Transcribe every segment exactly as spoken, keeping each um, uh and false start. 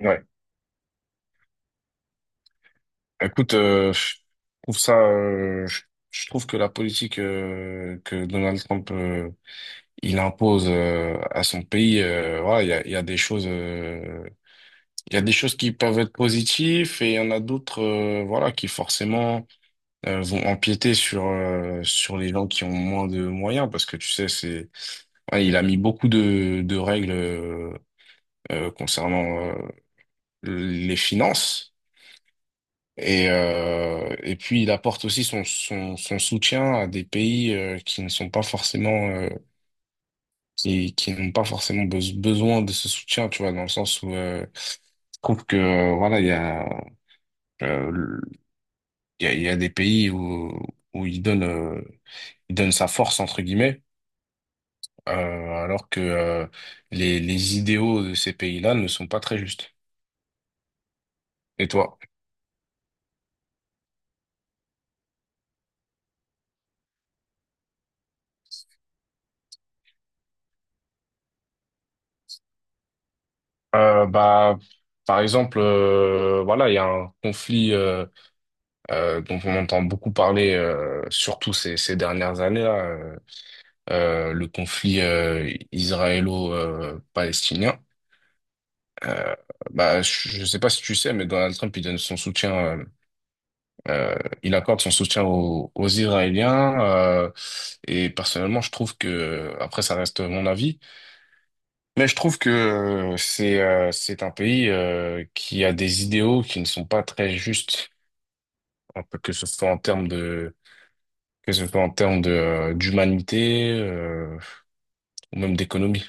Ouais. Écoute, euh, je trouve ça, euh, je, je trouve que la politique euh, que Donald Trump euh, il impose euh, à son pays, euh, voilà, il y a, il y a des choses, euh, il y a des choses qui peuvent être positives et il y en a d'autres, euh, voilà, qui forcément euh, vont empiéter sur euh, sur les gens qui ont moins de moyens parce que tu sais, c'est, ouais, il a mis beaucoup de de règles euh, euh, concernant euh, les finances. Et, euh, et puis il apporte aussi son, son, son soutien à des pays euh, qui ne sont pas forcément euh, qui, qui n'ont pas forcément bes- besoin de ce soutien, tu vois, dans le sens où euh, je trouve que euh, voilà, il y a euh, le- il y a, il y a des pays où où il donne euh, il donne sa force entre guillemets, euh, alors que euh, les les idéaux de ces pays-là ne sont pas très justes. Et toi? Euh, bah par exemple euh, voilà, il y a un conflit euh, euh, dont on entend beaucoup parler, euh, surtout ces, ces dernières années, là, euh, euh, le conflit euh, israélo-palestinien. Euh, bah, je ne sais pas si tu sais, mais Donald Trump, il donne son soutien, euh, euh, il accorde son soutien aux, aux Israéliens. Euh, et personnellement, je trouve que, après, ça reste mon avis, mais je trouve que euh, c'est euh, c'est un pays euh, qui a des idéaux qui ne sont pas très justes, un peu que ce soit en termes de que ce soit en termes de, euh, d'humanité, euh, ou même d'économie.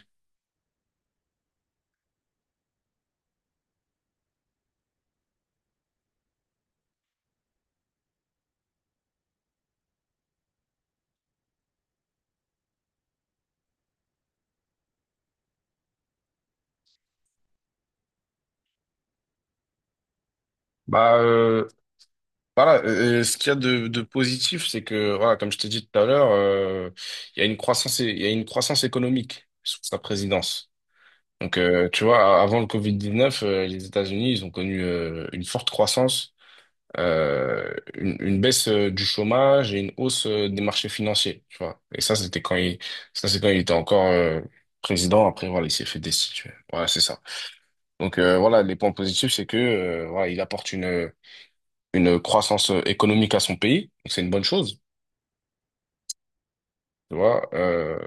Bah euh, voilà, euh, ce qu'il y a de, de positif, c'est que voilà, comme je t'ai dit tout à l'heure, euh, il y a une croissance, il y a une croissance économique sous sa présidence. Donc euh, tu vois, a- avant le covid dix-neuf, euh, les États-Unis, ils ont connu euh, une forte croissance, euh, une, une baisse euh, du chômage et une hausse euh, des marchés financiers. Tu vois. Et ça, c'était quand il, ça c'est quand il était encore euh, président. Après, voilà, il s'est fait destituer. Voilà, c'est ça. Donc euh, voilà, les points positifs, c'est que euh, voilà, il apporte une, une croissance euh, économique à son pays. Donc c'est une bonne chose, tu vois. Euh,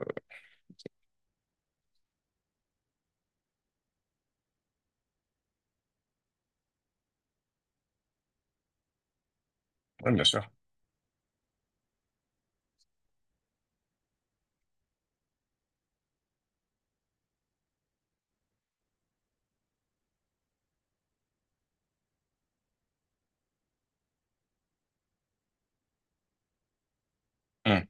ouais, bien sûr. Hmm.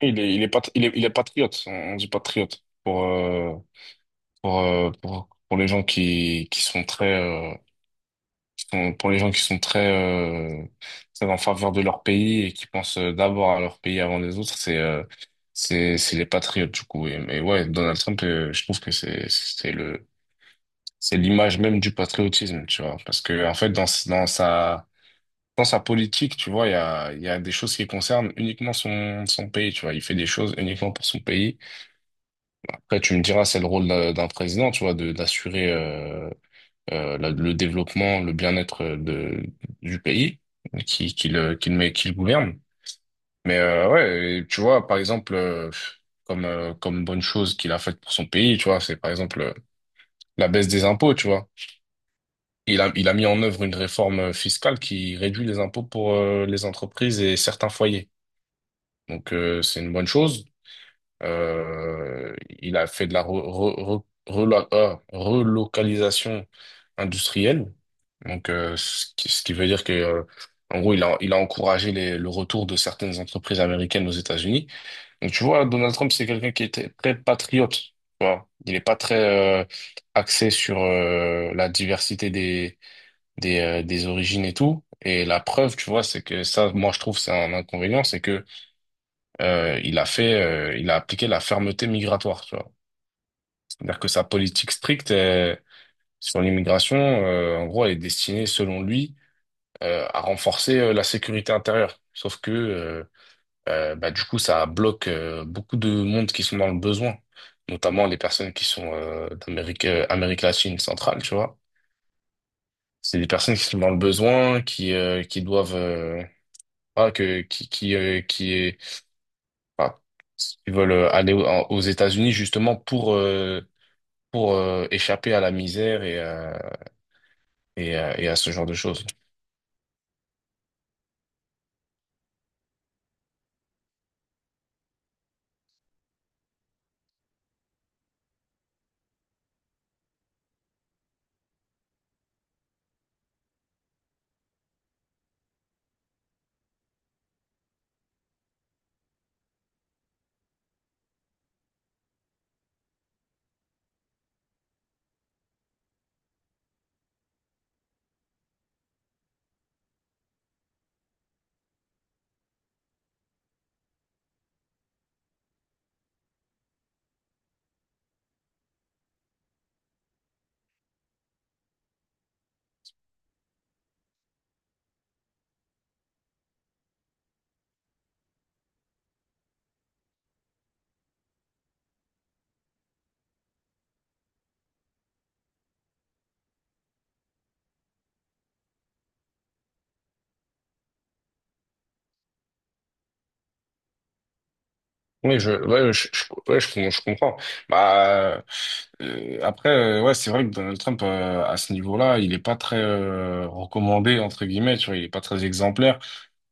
Il est, il est, pat- il est, il est patriote, on on dit patriote pour, euh, pour, euh, pour, pour les gens qui, qui sont très, euh, qui sont- pour les gens qui sont très, euh, très en faveur de leur pays et qui pensent euh, d'abord à leur pays avant les autres, c'est euh, c'est, c'est les patriotes du coup. Et- mais ouais, Donald Trump, euh, je trouve que c'est, c'est le c'est l'image même du patriotisme, tu vois. Parce que, en fait, dans, dans sa, dans sa politique, tu vois, il y a, il y a des choses qui concernent uniquement son, son pays, tu vois. Il fait des choses uniquement pour son pays. Après, tu me diras, c'est le rôle d'un d'un président, tu vois, de, d'assurer, euh, euh, la- le développement, le bien-être euh, de, du pays qui, qui le, qui le, met- qui le gouverne. Mais, euh, ouais, et tu vois, par exemple, euh, comme, euh, comme bonne chose qu'il a faite pour son pays, tu vois, c'est par exemple euh, la baisse des impôts, tu vois. Il a, il a mis en œuvre une réforme fiscale qui réduit les impôts pour euh, les entreprises et certains foyers. Donc, euh, c'est une bonne chose. Euh, il a fait de la re- re- re- rela- ah, relocalisation industrielle. Donc, euh, ce qui, ce qui veut dire que, euh, en gros, il a, il a encouragé les- le retour de certaines entreprises américaines aux États-Unis. Donc, tu vois, Donald Trump, c'est quelqu'un qui était très très patriote. Tu vois. Il n'est pas très euh, axé sur euh, la diversité des, euh, des origines et tout. Et la preuve, tu vois, c'est que ça, moi, je trouve, c'est un inconvénient, c'est que euh, il a fait, euh, il a appliqué la fermeté migratoire, tu vois. C'est-à-dire que sa politique stricte euh, sur l'immigration, euh, en gros, elle est destinée, selon lui, euh, à renforcer euh, la sécurité intérieure. Sauf que, euh, euh, bah, du coup, ça bloque euh, beaucoup de monde qui sont dans le besoin, notamment les personnes qui sont euh, d'Amérique, euh, Amérique latine centrale, tu vois. C'est des personnes qui sont dans le besoin, qui, euh, qui doivent euh, Ah, que, qui, qui, euh, qui est, enfin, ils veulent euh, aller au- en- aux États-Unis justement pour, euh, pour euh, échapper à la misère et, euh, et, euh, et à ce genre de choses. Oui, je, ouais, je, je, ouais, je, com- je comprends. Bah, euh, après, euh, ouais, c'est vrai que Donald Trump, euh, à ce niveau-là, il est pas très euh, recommandé, entre guillemets, tu vois, il est pas très exemplaire.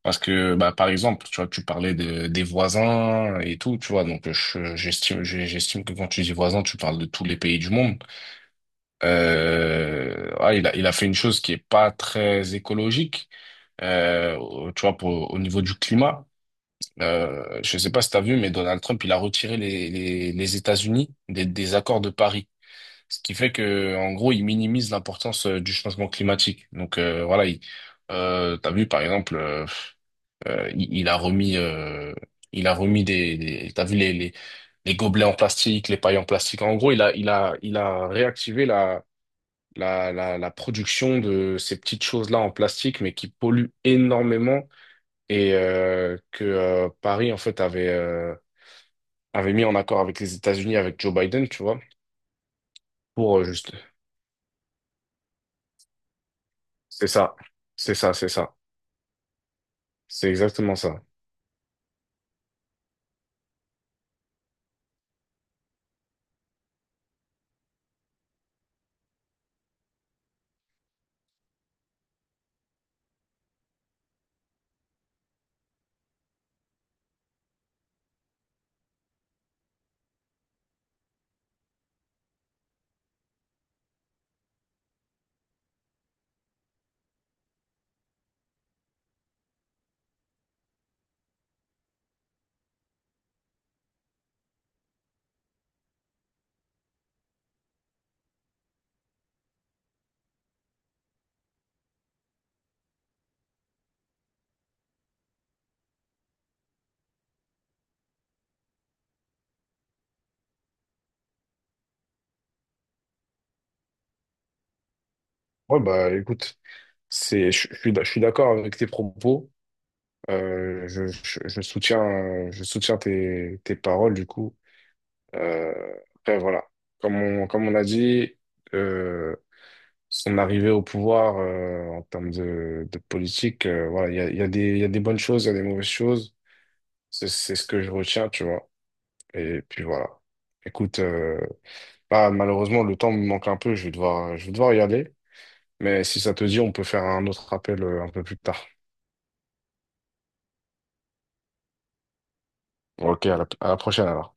Parce que, bah, par exemple, tu vois, tu parlais de, des voisins et tout, tu vois, donc euh, je- j'estime, j'ai- j'estime que quand tu dis voisins, tu parles de tous les pays du monde. Euh, ah, il a, il a fait une chose qui est pas très écologique, euh, au- tu vois, pour, au niveau du climat. Euh, je sais pas si tu as vu, mais Donald Trump, il a retiré les, les, les États-Unis des, des accords de Paris. Ce qui fait que, en gros, il minimise l'importance euh, du changement climatique. Donc, euh, voilà, il, euh, t'as vu, par exemple, euh, euh, il, il a remis, euh, il a remis des, des t'as vu les, les, les gobelets en plastique, les pailles en plastique. En gros, il a, il a, il a réactivé la, la, la production de ces petites choses-là en plastique, mais qui polluent énormément et euh, que euh, Paris, en fait, avait, euh, avait mis en accord avec les États-Unis, avec Joe Biden, tu vois, pour euh, juste... C'est ça, c'est ça, c'est ça. C'est exactement ça. Ouais, bah écoute, c'est, je, je suis d'a- je suis d'accord avec tes propos. Euh, je, je, je soutiens, euh, je soutiens tes, tes paroles, du coup. Euh, après, voilà. Comme on, comme on a dit, euh, son arrivée au pouvoir euh, en termes de, de politique, euh, voilà, il y a, il y a des, il y a des bonnes choses, il y a des mauvaises choses. C'est, c'est ce que je retiens, tu vois. Et puis voilà. Écoute, euh, bah, malheureusement, le temps me manque un peu, je vais devoir, je vais devoir y aller. Mais si ça te dit, on peut faire un autre appel euh, un peu plus tard. Ok, à la, à la prochaine alors.